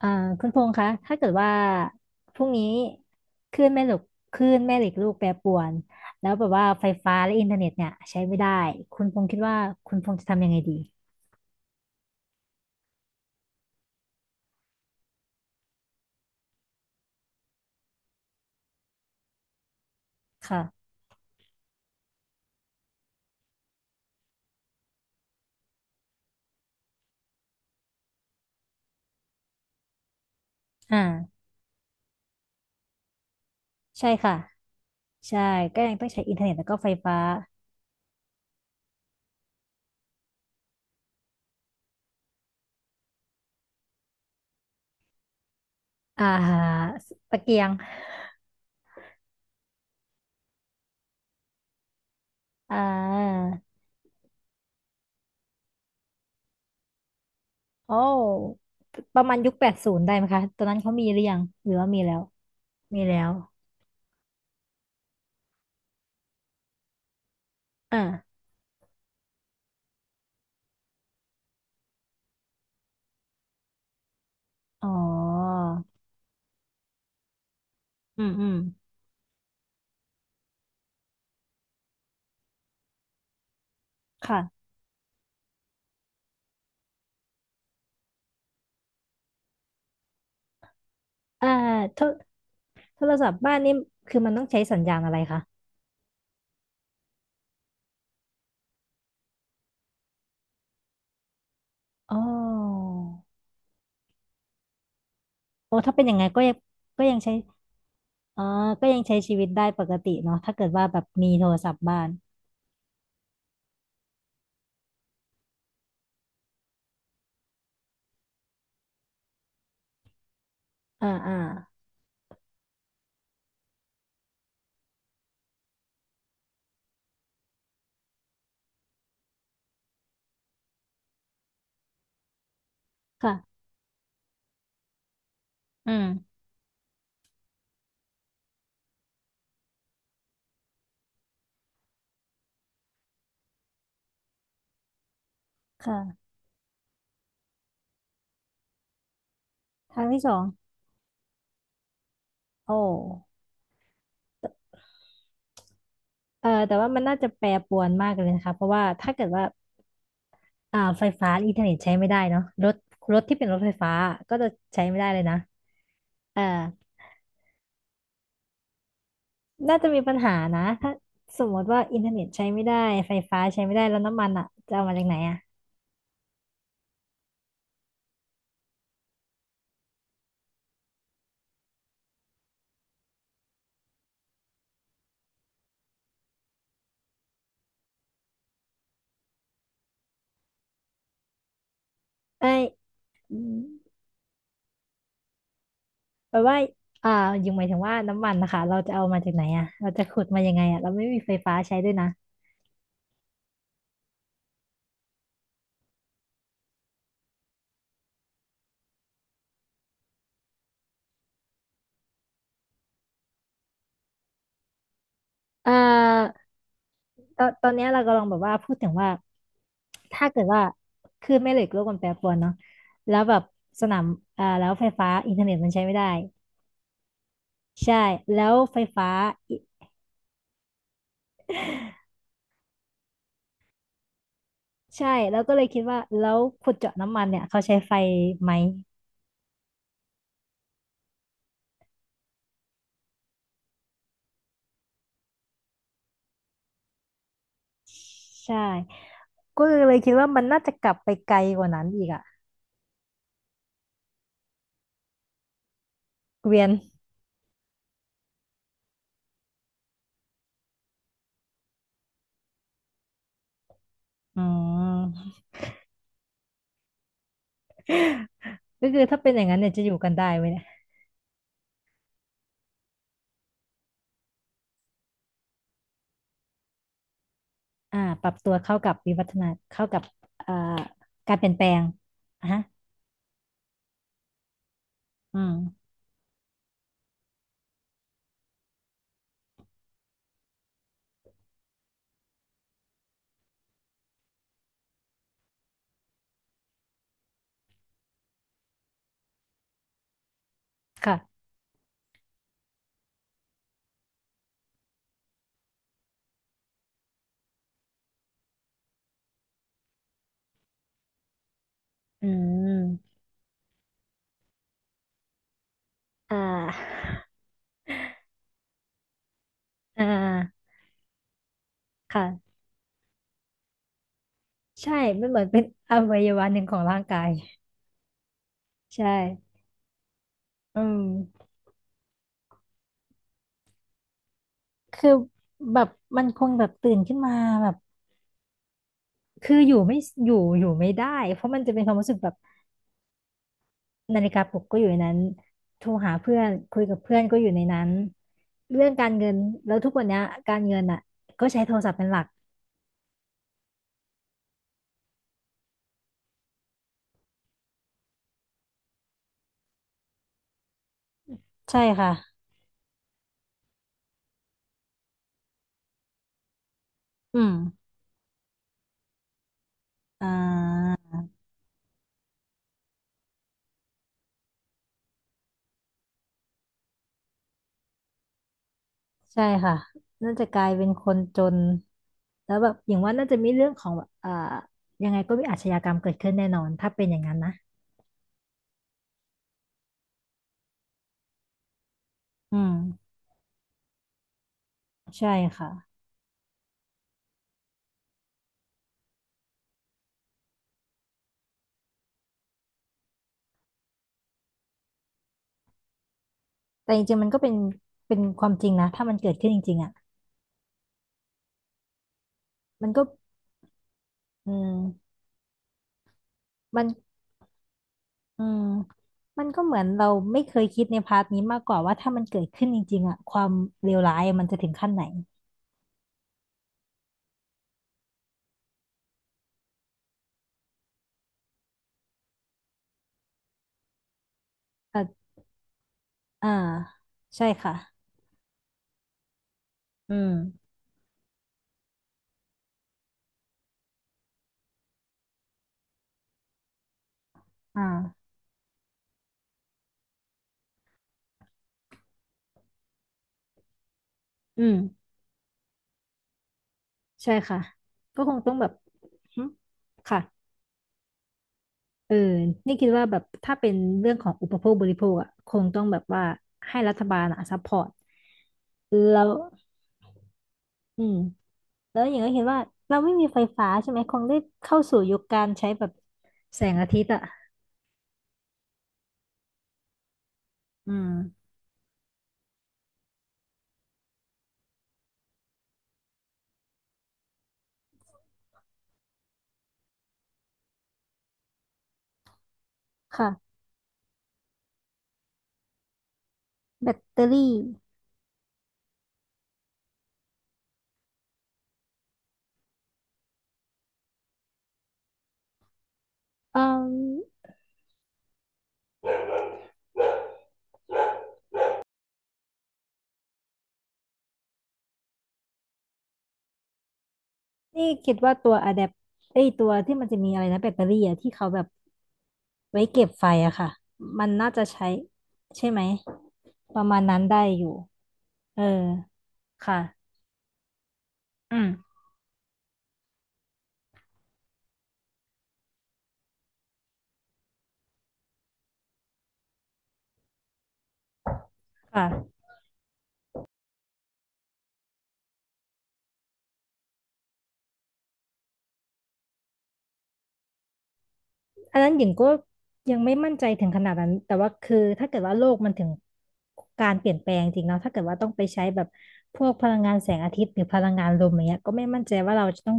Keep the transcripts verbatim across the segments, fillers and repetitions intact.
อ่าคุณพงษ์คะถ้าเกิดว่าพรุ่งนี้คลื่นแม่เหล็กคลื่นแม่เหล็กลูกแปรปรวน แล้วแบบว่าไฟฟ้าและอินเทอร์เน็ตเนี่ยใช้ไม่ได้ คุณพงษ์คิดว่าคุณพงษ์จะทำยังไงดีค่ะอ่าใช่ค่ะ ใช่ก็ยังต้องใช้อินเทอร์เน็ตแล้วก็ไฟฟ้าอ่าตะเกียงอ่าโอ้ประมาณยุคแปดศูนย์ได้ไหมคะตอนนั้นเขามีหรือยัง หรือว่ามีแล้วมีแล้วอ่าอ๋ออืมอืมค่ะ อ่าโทรโทรศัพท์บ้านนี่คือมันต้องใช้สัญญาณอะไรคะอ๋อโอ้ถ้าเป็นอย่างไงก็ยังก็ยังใช้อ๋อก็ยังใช้ชีวิตได้ปกติเนาะถ้าเกิดว่าแบบมีโทรศัพท์บ้านอ่าอ่าค่ะอืมค่ะทางที่สองโอ้เออแต่ว่ามันน่าจะแปรปรวนมากเลยนะคะเพราะว่าถ้าเกิดว่าอ่าไฟฟ้าอินเทอร์เน็ตใช้ไม่ได้เนาะรถรถที่เป็นรถไฟฟ้าก็จะใช้ไม่ได้เลยนะเออ น่าจะมีปัญหานะถ้าสมมติว่าอินเทอร์เน็ตใช้ไม่ได้ไฟฟ้าใช้ไม่ได้แล้วน้ำมันอ่ะจะเอามาจากไหนอ่ะเอ้ยอืมแปลว่าอ่ายังหมายถึงว่าน้ำมันนะคะเราจะเอามาจากไหนอ่ะเราจะขุดมายังไงอ่ะเราไม่มีไฟฟ้าใช้ด้วยนะเอ่อตอนตอนเนี้ยเรากำลังแบบว่าพูดถึงว่าถ้าเกิดว่าคลื่นแม่เหล็กโลกมันแปรปรวนเนาะแล้วแบบสนามอ่าแล้วไฟฟ้าอินเทอร์เน็ตมันใช้ไม่ได้ใช่แล้วไฟฟ้าอิใช่แล้วก็เลยคิดว่าแล้วขุดเจาะน้ำมันเนี่ยเขาใช้ไฟไหม ใช่ก็เลยคิดว่ามันน่าจะกลับไปไกลกว่านั้นอีกอะเกวียนอืมก็คือถ้าเป็นอย่างนั้นเนี่ยจะอยู่กันได้ไหมเนี่ยอ่าปรับตัวเข้ากับวิวัฒนาเข้ากับอ่าการเปลี่ยนแปลงอ่ะฮะอืมค่ะอืมอ่าอ่าค่ะใช่มันเหมือนเป็นอวัยวะหนึ่งของร่างกายใช่อืมคือแบบมันคงแบบตื่นขึ้นมาแบบคืออยู่ไม่อยู่อยู่ไม่ได้เพราะมันจะเป็นความรู้สึกแบบ นาฬิกาปลุกก็อยู่ในนั้นโทรหาเพื่อนคุยกับเพื่อนก็อยู่ในนั้นเรื่องการเงินแล้วทุกวันเนี้ยการเงินอ่ะก็ใช้โทรศัพท์เป็นหลักใช่ค่ะอืมอ่าใช่ค่ะน่าจะกลายเป็นคนจนแล้วแบบอย่างว่าน่าจะมีเรื่องของแบบเอ่อยังไงก็มีอาชญากรรมเกิดขึ้นแน่นอนถ้าเป็นอย่างนั้นนะอืมใช่ค่ะแต่จริงๆมันก็เป็นเป็นความจริงนะถ้ามันเกิดขึ้นจริงๆอ่ะมันก็อืมมัน อืมมันก็เหมือนเราไม่เคยคิดในพาร์ทนี้มากกว่าว่าถ้ามันเกิดขึ้นจริงๆอะความเลวร้ายมันจะถึงขั้นไหนอ่ะอ่าใช่ค่ะอืมอ่าอืมใช่ค่ะก็คงต้องแบบหึค่ะเออนี่คิดว่าแบบถ้าเป็นเรื่องของอุปโภคบริโภคอะคงต้องแบบว่าให้รัฐบาลอะซัพพอร์ตแล้วอืมแล้วอย่างก็เห็นว่าเราไม่มีไฟฟ้าใช่ไหมคงได้เข้าสู่ยุคการใช้แบบแสงอาทิตย์อะอืมค่ะ แบตเตอรี่อืมนี่คิดว่าตัวอะแดปไอยตัวที่มันจะมีอะไรนะแบตเตอรี่อะที่เขาแบบไว้เก็บไฟอะค่ะมันน่าจะใช้ใช่ไหมประมาณนั้นได้อยู่เออค่ะอืมค่ะอันนั้นหญิงก็ยังไม่มั่นใจถึงขนาดนั้นแต่ว่าคือถ้าเกิดว่าโลกมันถึงการเปลี่ยนแปลงจริงเนาะถ้าเกิดว่าต้องไปใช้แบบพวกพลังงานแสงอาทิตย์หรือพลังงานลมอย่างเงี้ยก็ไม่มั่นใจว่าเราจะต้อง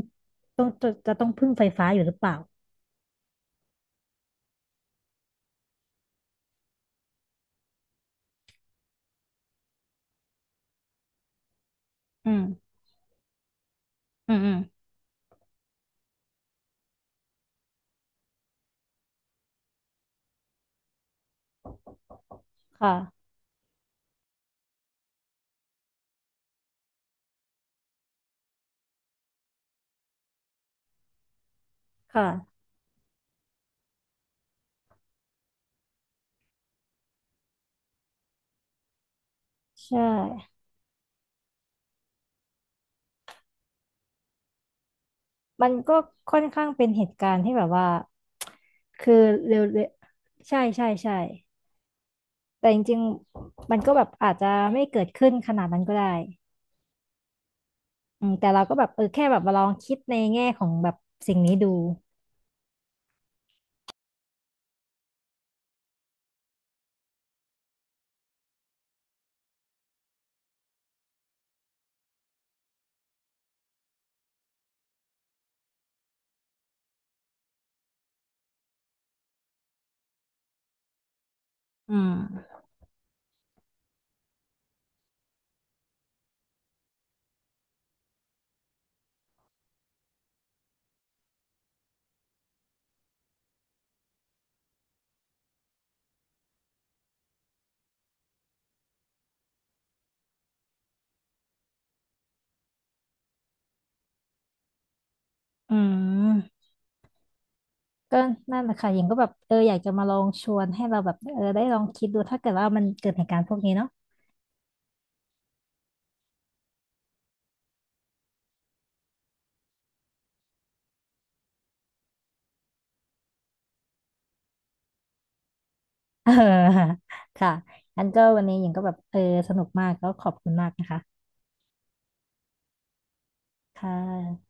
ต้องจะจะต้องพึ่งไฟฟ้าอยู่หรือเปล่าอืมอืมอืม ค่ะ ค่ะ ใช่ มันก็ค่อนข้างเป็นเหตุการณ์ที่แบบว่า คือเร็วๆใช่ใช่ใช่แต่จริงๆมันก็แบบอาจจะไม่เกิดขึ้นขนาดนั้นก็ได้ อืม แต่เราก็แบบเออแค่แบบมาลองคิดในแง่ของแบบสิ่งนี้ดูอืมอืมก็นั่นแหละค่ะหญิงก็แบบเอออยากจะมาลองชวนให้เราแบบเออได้ลองคิดดูถ้าเกิดว่ามันเกิดเหตุการณ์พวกนี้เนาะ เออค่ะงั้นก็วันนี้หญิงก็แบบเออสนุกมากก็ขอบคุณมากนะคะค่ะ